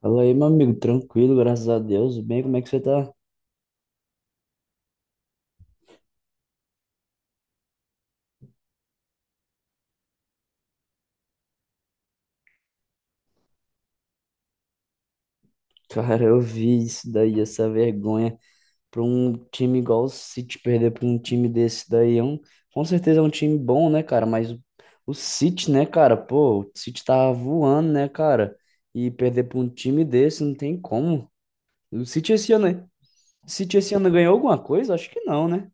Fala aí, meu amigo, tranquilo, graças a Deus. Bem, como é que você tá? Cara, eu vi isso daí, essa vergonha pra um time igual o City perder pra um time desse daí. Com certeza é um time bom, né, cara? O City, né, cara? Pô, o City tá voando, né, cara? E perder pra um time desse não tem como. O City esse ano, né? O City esse ano ganhou alguma coisa? Acho que não, né?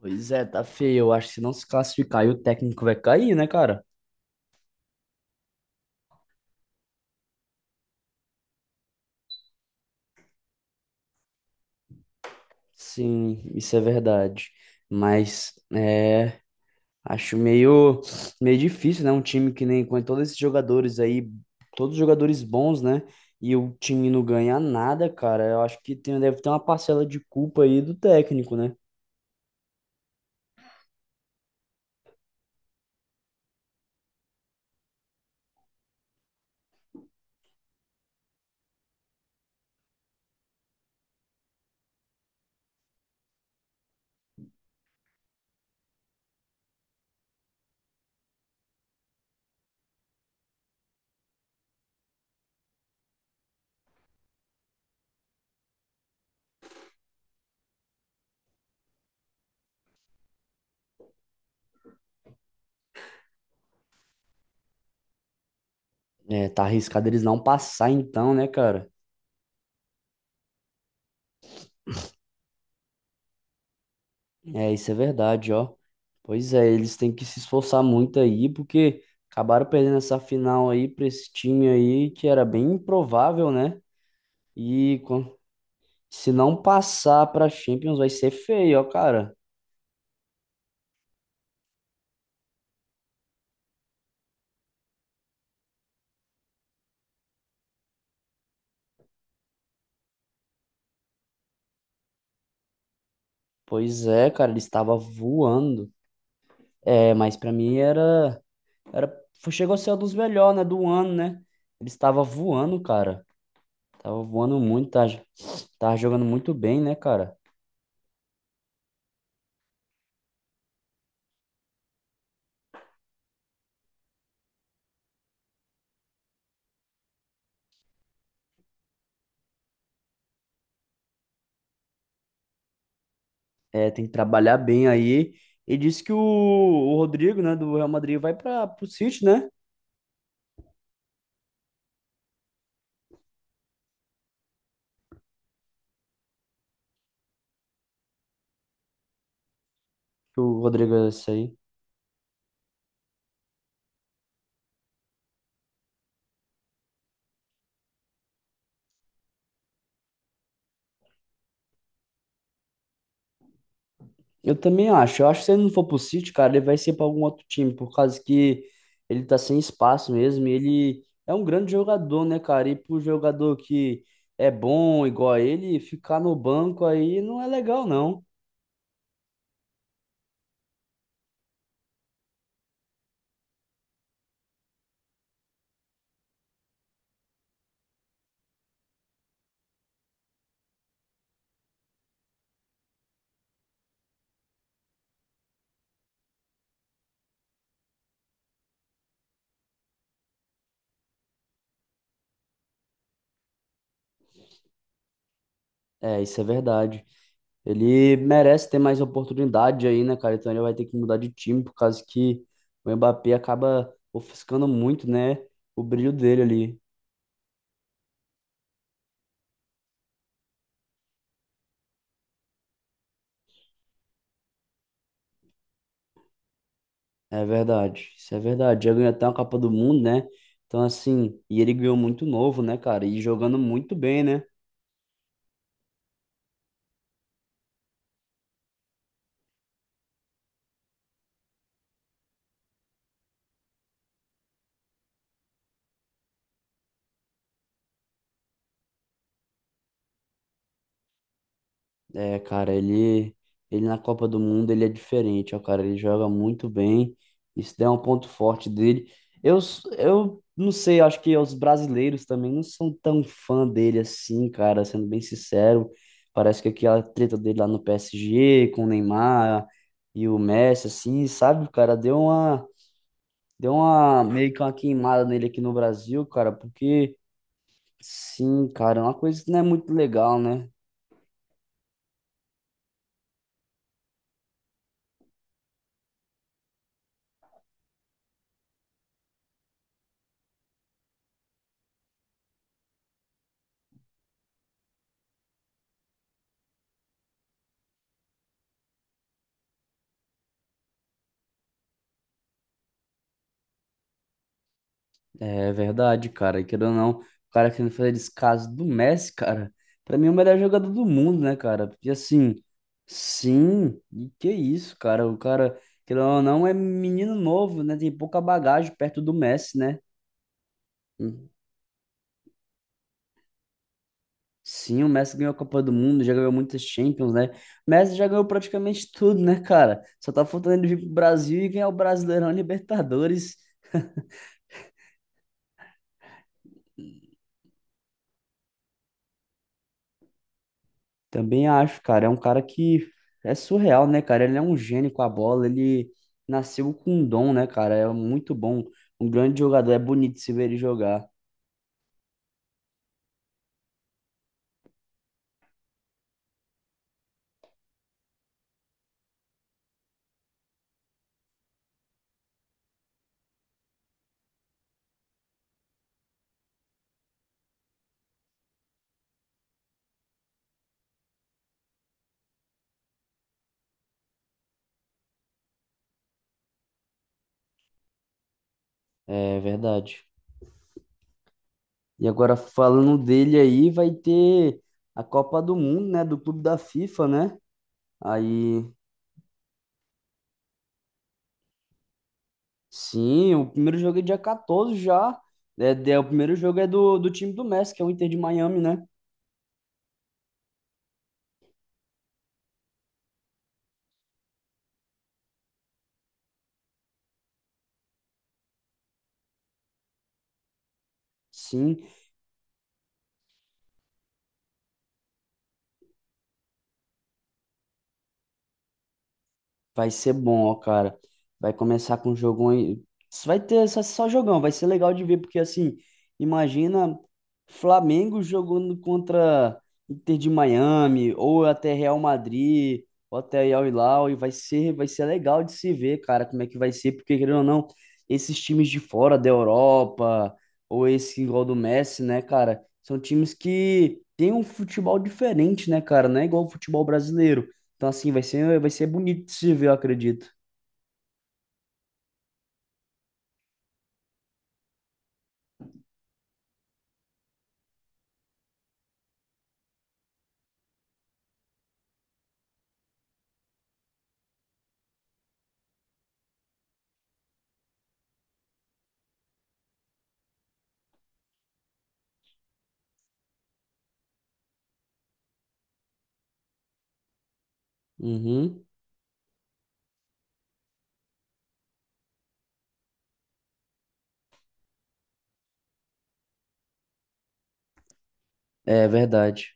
Pois é, tá feio. Eu acho que se não se classificar, aí o técnico vai cair, né, cara? Sim, isso é verdade. Mas é, acho meio, meio difícil, né? Um time que nem com todos esses jogadores aí, todos jogadores bons, né? E o time não ganha nada, cara. Eu acho que tem, deve ter uma parcela de culpa aí do técnico, né? É, tá arriscado eles não passar então, né, cara? É, isso é verdade, ó. Pois é, eles têm que se esforçar muito aí, porque acabaram perdendo essa final aí pra esse time aí, que era bem improvável, né? E com Se não passar pra Champions vai ser feio, ó, cara. Pois é, cara, ele estava voando. É, mas pra mim era, era, foi- chegou a ser um dos melhores, né, do ano, né? Ele estava voando, cara. Tava voando muito, tá, tava jogando muito bem, né, cara? É, tem que trabalhar bem aí. E disse que o Rodrigo, né, do Real Madrid vai para pro City, né? Que o Rodrigo é esse aí. Eu também acho. Eu acho que se ele não for pro City, cara, ele vai ser para algum outro time, por causa que ele tá sem espaço mesmo. E ele é um grande jogador, né, cara? E pro jogador que é bom igual a ele, ficar no banco aí não é legal, não. É, isso é verdade. Ele merece ter mais oportunidade aí, né, cara? Então ele vai ter que mudar de time, por causa que o Mbappé acaba ofuscando muito, né, o brilho dele ali. É verdade, isso é verdade. Já ganhou até uma Copa do Mundo, né? Então, assim, e ele ganhou muito novo, né, cara? E jogando muito bem, né? É, cara, ele, ele na Copa do Mundo, ele é diferente, ó, cara. Ele joga muito bem. Isso daí é um ponto forte dele. Eu não sei, acho que os brasileiros também não são tão fã dele assim, cara, sendo bem sincero. Parece que aquela treta dele lá no PSG com o Neymar e o Messi, assim, sabe, cara, Deu uma meio que uma queimada nele aqui no Brasil, cara, porque sim, cara, é uma coisa que não é muito legal, né? É verdade, cara. E querendo ou não, o cara querendo fazer descaso do Messi, cara, pra mim é o melhor jogador do mundo, né, cara? Porque assim, sim, e que isso, cara? O cara, querendo ou não, é menino novo, né? Tem pouca bagagem perto do Messi, né? Sim, o Messi ganhou a Copa do Mundo, já ganhou muitas Champions, né? O Messi já ganhou praticamente tudo, né, cara? Só tá faltando ele vir pro Brasil e ganhar o Brasileirão e Libertadores. Também acho, cara, é um cara que é surreal, né, cara? Ele é um gênio com a bola, ele nasceu com um dom, né, cara? É muito bom, um grande jogador, é bonito se ver ele jogar. É verdade. E agora falando dele aí, vai ter a Copa do Mundo, né, do Clube da FIFA, né? Aí Sim, o primeiro jogo é dia 14 já. É, é, o primeiro jogo é do, do time do Messi, que é o Inter de Miami, né? Sim. Vai ser bom, ó, cara. Vai começar com um jogão aí. Só jogão, vai ser legal de ver, porque assim, imagina Flamengo jogando contra Inter de Miami, ou até Real Madrid, ou até Al Hilal, e vai ser legal de se ver, cara, como é que vai ser, porque querendo ou não, esses times de fora da Europa, ou esse igual do Messi, né, cara, são times que têm um futebol diferente, né, cara, não é igual o futebol brasileiro. Então, assim, vai ser bonito de se ver, eu acredito. Uhum. É verdade.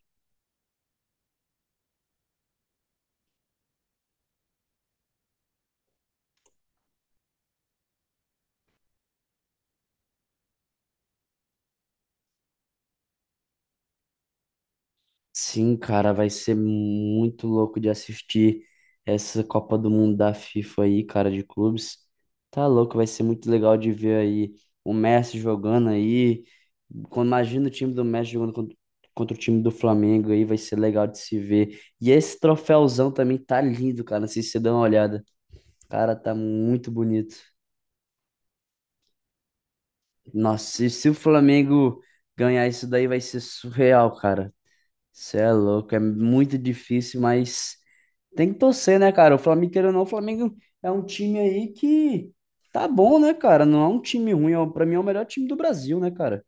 Sim, cara, vai ser muito louco de assistir essa Copa do Mundo da FIFA aí, cara, de clubes. Tá louco, vai ser muito legal de ver aí o Messi jogando aí. Imagina o time do Messi jogando contra o time do Flamengo aí, vai ser legal de se ver. E esse troféuzão também tá lindo, cara. Não sei se você dá uma olhada. Cara, tá muito bonito. Nossa, e se o Flamengo ganhar isso daí vai ser surreal, cara. Você é louco, é muito difícil, mas tem que torcer, né, cara? O Flamengo, querendo ou não, o Flamengo é um time aí que tá bom, né, cara? Não é um time ruim, pra mim é o melhor time do Brasil, né, cara?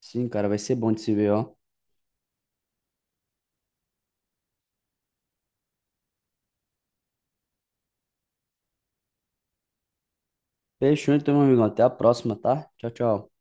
Sim, cara, vai ser bom de se ver, ó. Fechou então, meu amigo. Até a próxima, tá? Tchau, tchau.